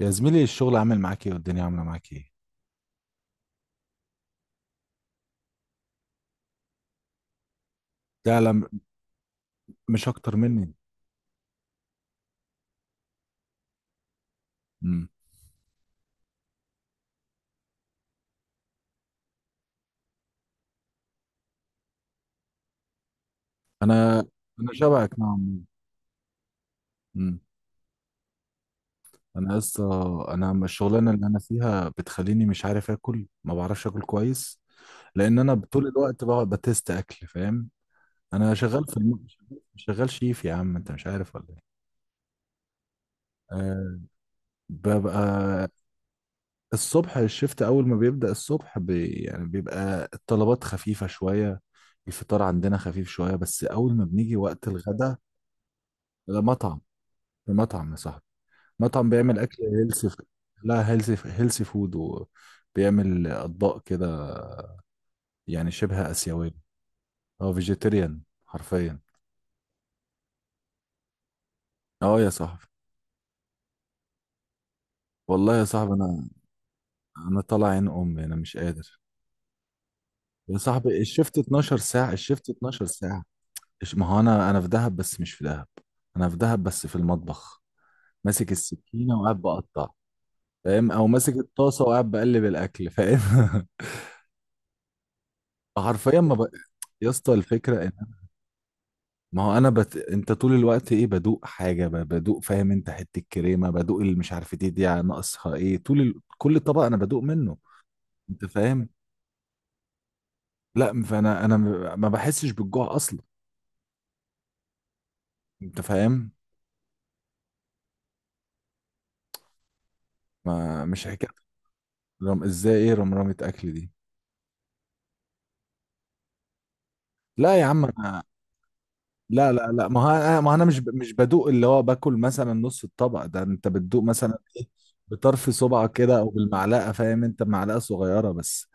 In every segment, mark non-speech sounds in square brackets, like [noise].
يا زميلي، الشغل عامل معاك ايه والدنيا عامله معاك ايه؟ ده لا، مش اكتر مني. امم. انا انا شبهك نوعا ما. امم. انا لسه. الشغلانه اللي انا فيها بتخليني مش عارف اكل، ما بعرفش اكل كويس، لان انا طول الوقت بقعد بتست اكل، فاهم؟ انا شغال في الم... شغال شيف يا عم، انت مش عارف ولا ايه؟ أه، ببقى الصبح، الشفت اول ما بيبدأ الصبح يعني بيبقى الطلبات خفيفة شوية، الفطار عندنا خفيف شوية، بس اول ما بنيجي وقت الغداء. لا، مطعم. مطعم يا صاحبي، مطعم بيعمل اكل هيلثي. لا، هيلثي، هيلثي فود، وبيعمل اطباق كده، يعني شبه اسيوية. اه فيجيتيريان حرفيا. اه يا صاحبي. والله يا صاحبي، انا طالع عين امي، انا مش قادر. يا صاحبي الشفت 12 ساعة، الشفت 12 ساعة. ما هو انا في دهب بس مش في دهب، انا في دهب بس في المطبخ، ماسك السكينه وقاعد بقطع، فاهم؟ او ماسك الطاسه وقاعد بقلب الاكل، فاهم؟ [laughs] حرفيا ما ب... يا اسطى الفكره ان ما هو انا بت... انت طول الوقت ايه، بدوق حاجه، بدوق، فاهم؟ انت حته كريمه بدوق، اللي مش عارف دي ناقصها ايه، كل طبق انا بدوق منه، انت فاهم؟ لا، فانا ما بحسش بالجوع اصلا، انت فاهم؟ ما مش حكايه. ازاي، ايه رمرمه اكل دي؟ لا يا عم، انا. لا لا لا، ما هو انا مش بدوق اللي هو باكل، مثلا نص الطبق ده انت بتدوق مثلا ايه، بطرف صبعك كده او بالمعلقه، فاهم؟ انت معلقه صغيره بس،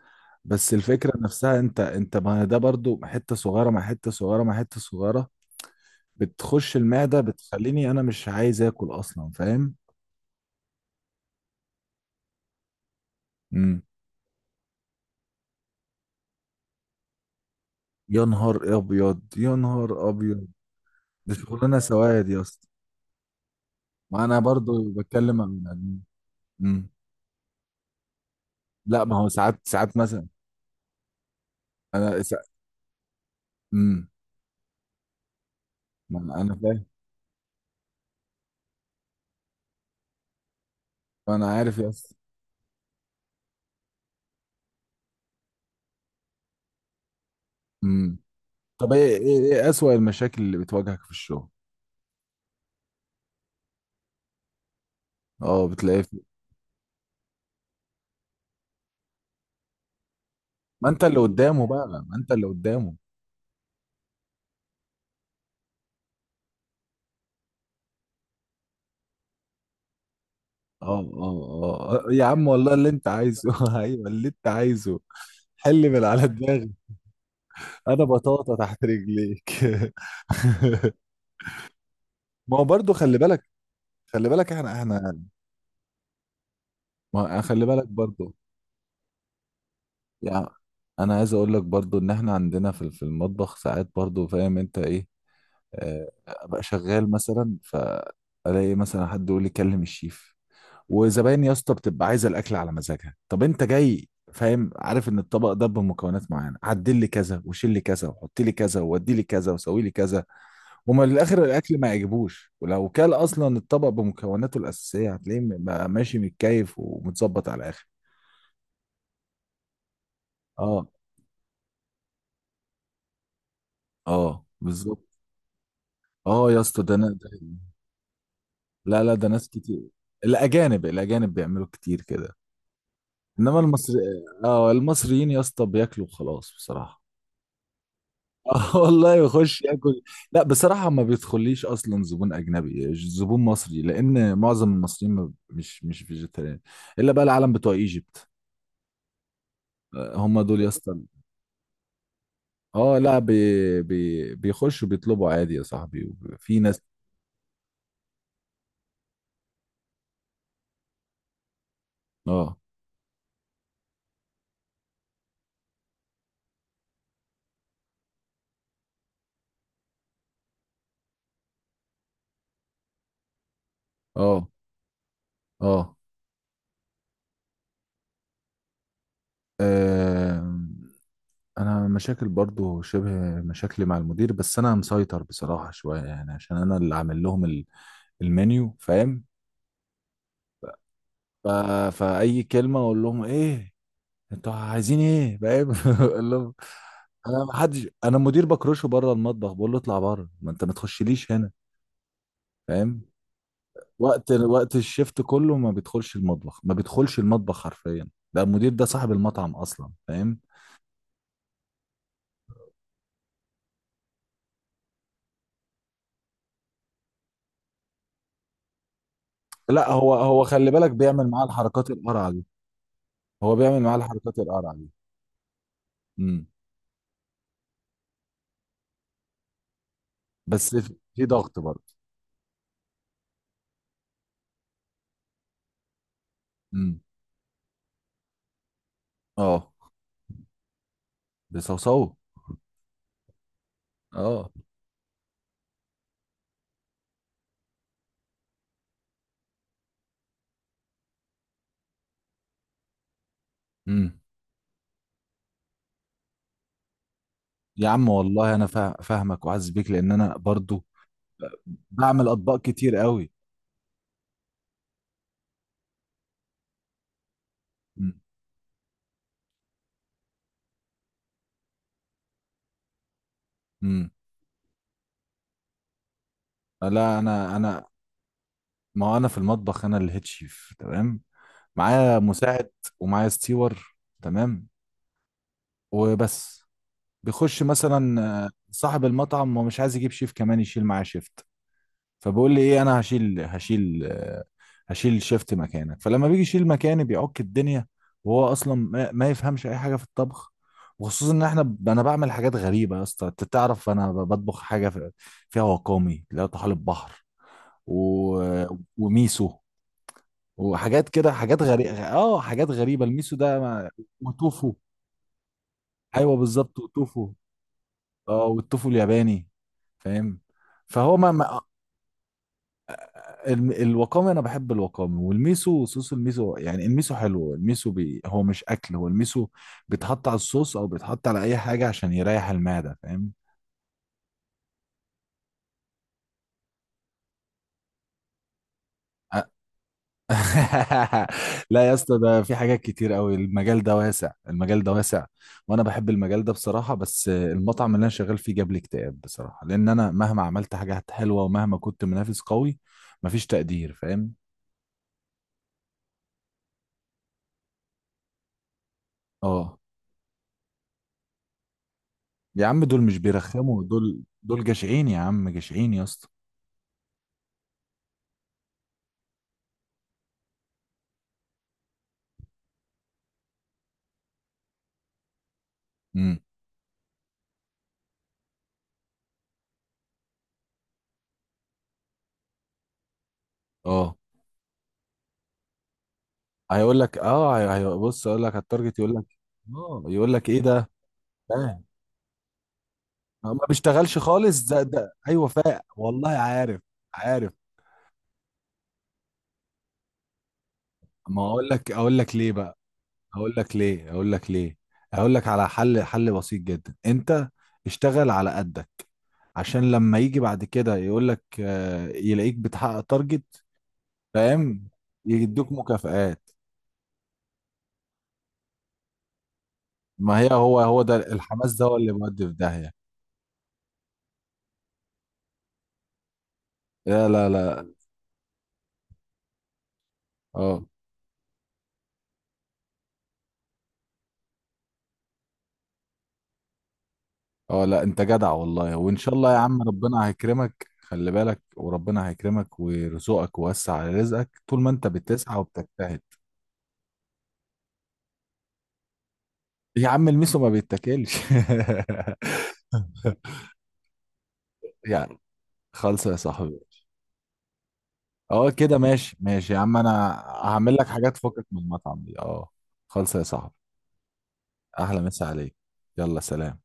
بس الفكره نفسها انت ما هي ده برضو حته صغيره مع حته صغيره مع حته صغيره، بتخش المعده، بتخليني انا مش عايز اكل اصلا، فاهم؟ امم. يا نهار ابيض، يا نهار ابيض. دي شغلانه سواد يا اسطى. ما انا برضو بتكلم عن. امم. لا، ما هو ساعات ساعات مثلا. انا سا... مم. ما انا فاهم. انا عارف يا اسطى. امم. طب، ايه اسوأ المشاكل اللي بتواجهك في الشغل؟ اه، ما انت اللي قدامه بقى، ما انت اللي قدامه. اه اه اه يا عم، والله اللي انت عايزه [laughs] ايوه، اللي انت عايزه، حل من على دماغي. انا بطاطا تحت رجليك [laughs] ما هو برضه خلي بالك، خلي بالك احنا احنا. ما خلي بالك برضه يعني. انا عايز اقول لك برضه ان احنا عندنا في المطبخ ساعات برضه، فاهم انت ايه؟ آه، ابقى شغال مثلا فالاقي مثلا حد يقول لي كلم الشيف، وزباين يا اسطى بتبقى عايزه الاكل على مزاجها، طب انت جاي فاهم عارف ان الطبق ده بمكونات معينه، عدل لي كذا وشيل لي كذا وحط لي كذا وودي لي كذا وسوي لي كذا، وما للاخر الاكل ما يعجبوش، ولو كان اصلا الطبق بمكوناته الاساسيه هتلاقيه بقى ماشي متكيف ومتظبط على الاخر. اه. اه بالظبط. اه يا اسطى، ده انا ده. لا لا، ده ناس كتير. الاجانب بيعملوا كتير كده. انما المصري. اه، المصريين يا اسطى بياكلوا خلاص بصراحه. اه [laughs] والله يخش ياكل. لا بصراحه ما بيدخليش اصلا زبون اجنبي زبون مصري، لان معظم المصريين مش فيجيتarian، الا بقى العالم بتوع ايجيبت. آه، هم دول يا اسطى. اه. لا بي بي بيخشوا بيطلبوا عادي يا صاحبي، في ناس. اه، اه، اه. آم، انا مشاكل برضو شبه، مشاكلي مع المدير، بس انا مسيطر بصراحه شويه يعني، عشان انا اللي عامل لهم المنيو، فاهم؟ ف... فاي كلمه اقول لهم ايه، انتوا عايزين ايه، فاهم؟ [laughs] اقول لهم انا ما حدش، انا مدير بكرشه بره المطبخ، بقول له اطلع بره، ما انت ما تخشليش هنا، فاهم؟ وقت الشفت كله ما بيدخلش المطبخ، ما بيدخلش المطبخ حرفيا، ده المدير ده صاحب المطعم اصلا، فاهم؟ لا هو خلي بالك بيعمل معاه الحركات القرعه دي. هو بيعمل معاه الحركات القرعه دي. امم. بس في ضغط برضه. امم. اه، بيصوصوه. اه. امم. يا عم والله انا فاهمك وعز بيك، لان انا برضو بعمل اطباق كتير قوي. امم. أمم. لا انا ما هو انا في المطبخ، انا الهيد شيف، تمام؟ معايا مساعد ومعايا ستيور، تمام، وبس. بيخش مثلا آه، صاحب المطعم، ما مش عايز يجيب شيف كمان يشيل معاه شيف، فبقول لي ايه، انا هشيل هشيل شيفت مكانك، فلما بيجي يشيل مكاني بيعك الدنيا، وهو اصلا ما يفهمش اي حاجه في الطبخ، وخصوصا ان احنا انا بعمل حاجات غريبه يا اسطى، انت تعرف انا بطبخ حاجه فيها وقامي اللي هو طحالب بحر، و... وميسو، وحاجات كده، حاجات غريبه، اه حاجات غريبه. الميسو ده ما... وتوفو. ايوه بالظبط، وتوفو. اه، والتوفو الياباني، فاهم؟ فهو ما ما- الوقامي، انا بحب الوقامي والميسو، صوص الميسو، يعني الميسو حلو، الميسو هو مش اكل، هو الميسو بيتحط على الصوص او بيتحط على اي حاجه عشان يريح المعده، فاهم؟ [laughs] لا يا اسطى، ده في حاجات كتير قوي، المجال ده واسع، المجال ده واسع. وانا بحب المجال ده بصراحه، بس المطعم اللي انا شغال فيه جاب لي اكتئاب بصراحه، لان انا مهما عملت حاجات حلوه ومهما كنت منافس قوي، مفيش تقدير، فاهم؟ اه يا عم، دول مش بيرخموا، دول دول جشعين يا عم، جشعين يا اسطى. امم. اه، هيقول لك اه، بص اقول لك على التارجت، يقول لك اه، يقول لك ايه ده، فاهم؟ آه، ما بيشتغلش خالص، ده ايوه فاهم، والله عارف، عارف. ما اقول لك ليه بقى، اقول لك ليه، اقول لك على حل بسيط جدا. انت اشتغل على قدك، عشان لما يجي بعد كده يقول لك آه، يلاقيك بتحقق تارجت، فاهم؟ يدوك مكافآت. ما هي هو ده الحماس، ده هو اللي بيودي في داهية. لا لا لا. اه اه. لا انت جدع والله، وان شاء الله يا عم ربنا هيكرمك، خلي بالك، وربنا هيكرمك ويرزقك ويوسع على رزقك، طول ما انت بتسعى وبتجتهد. يا عم الميسو ما بيتاكلش [laughs] يعني. خالصة يا صاحبي. اه كده ماشي، ماشي يا عم، انا هعمل لك حاجات تفكك من المطعم دي، اه. خالصة يا صاحبي. احلى مسا عليك. يلا سلام.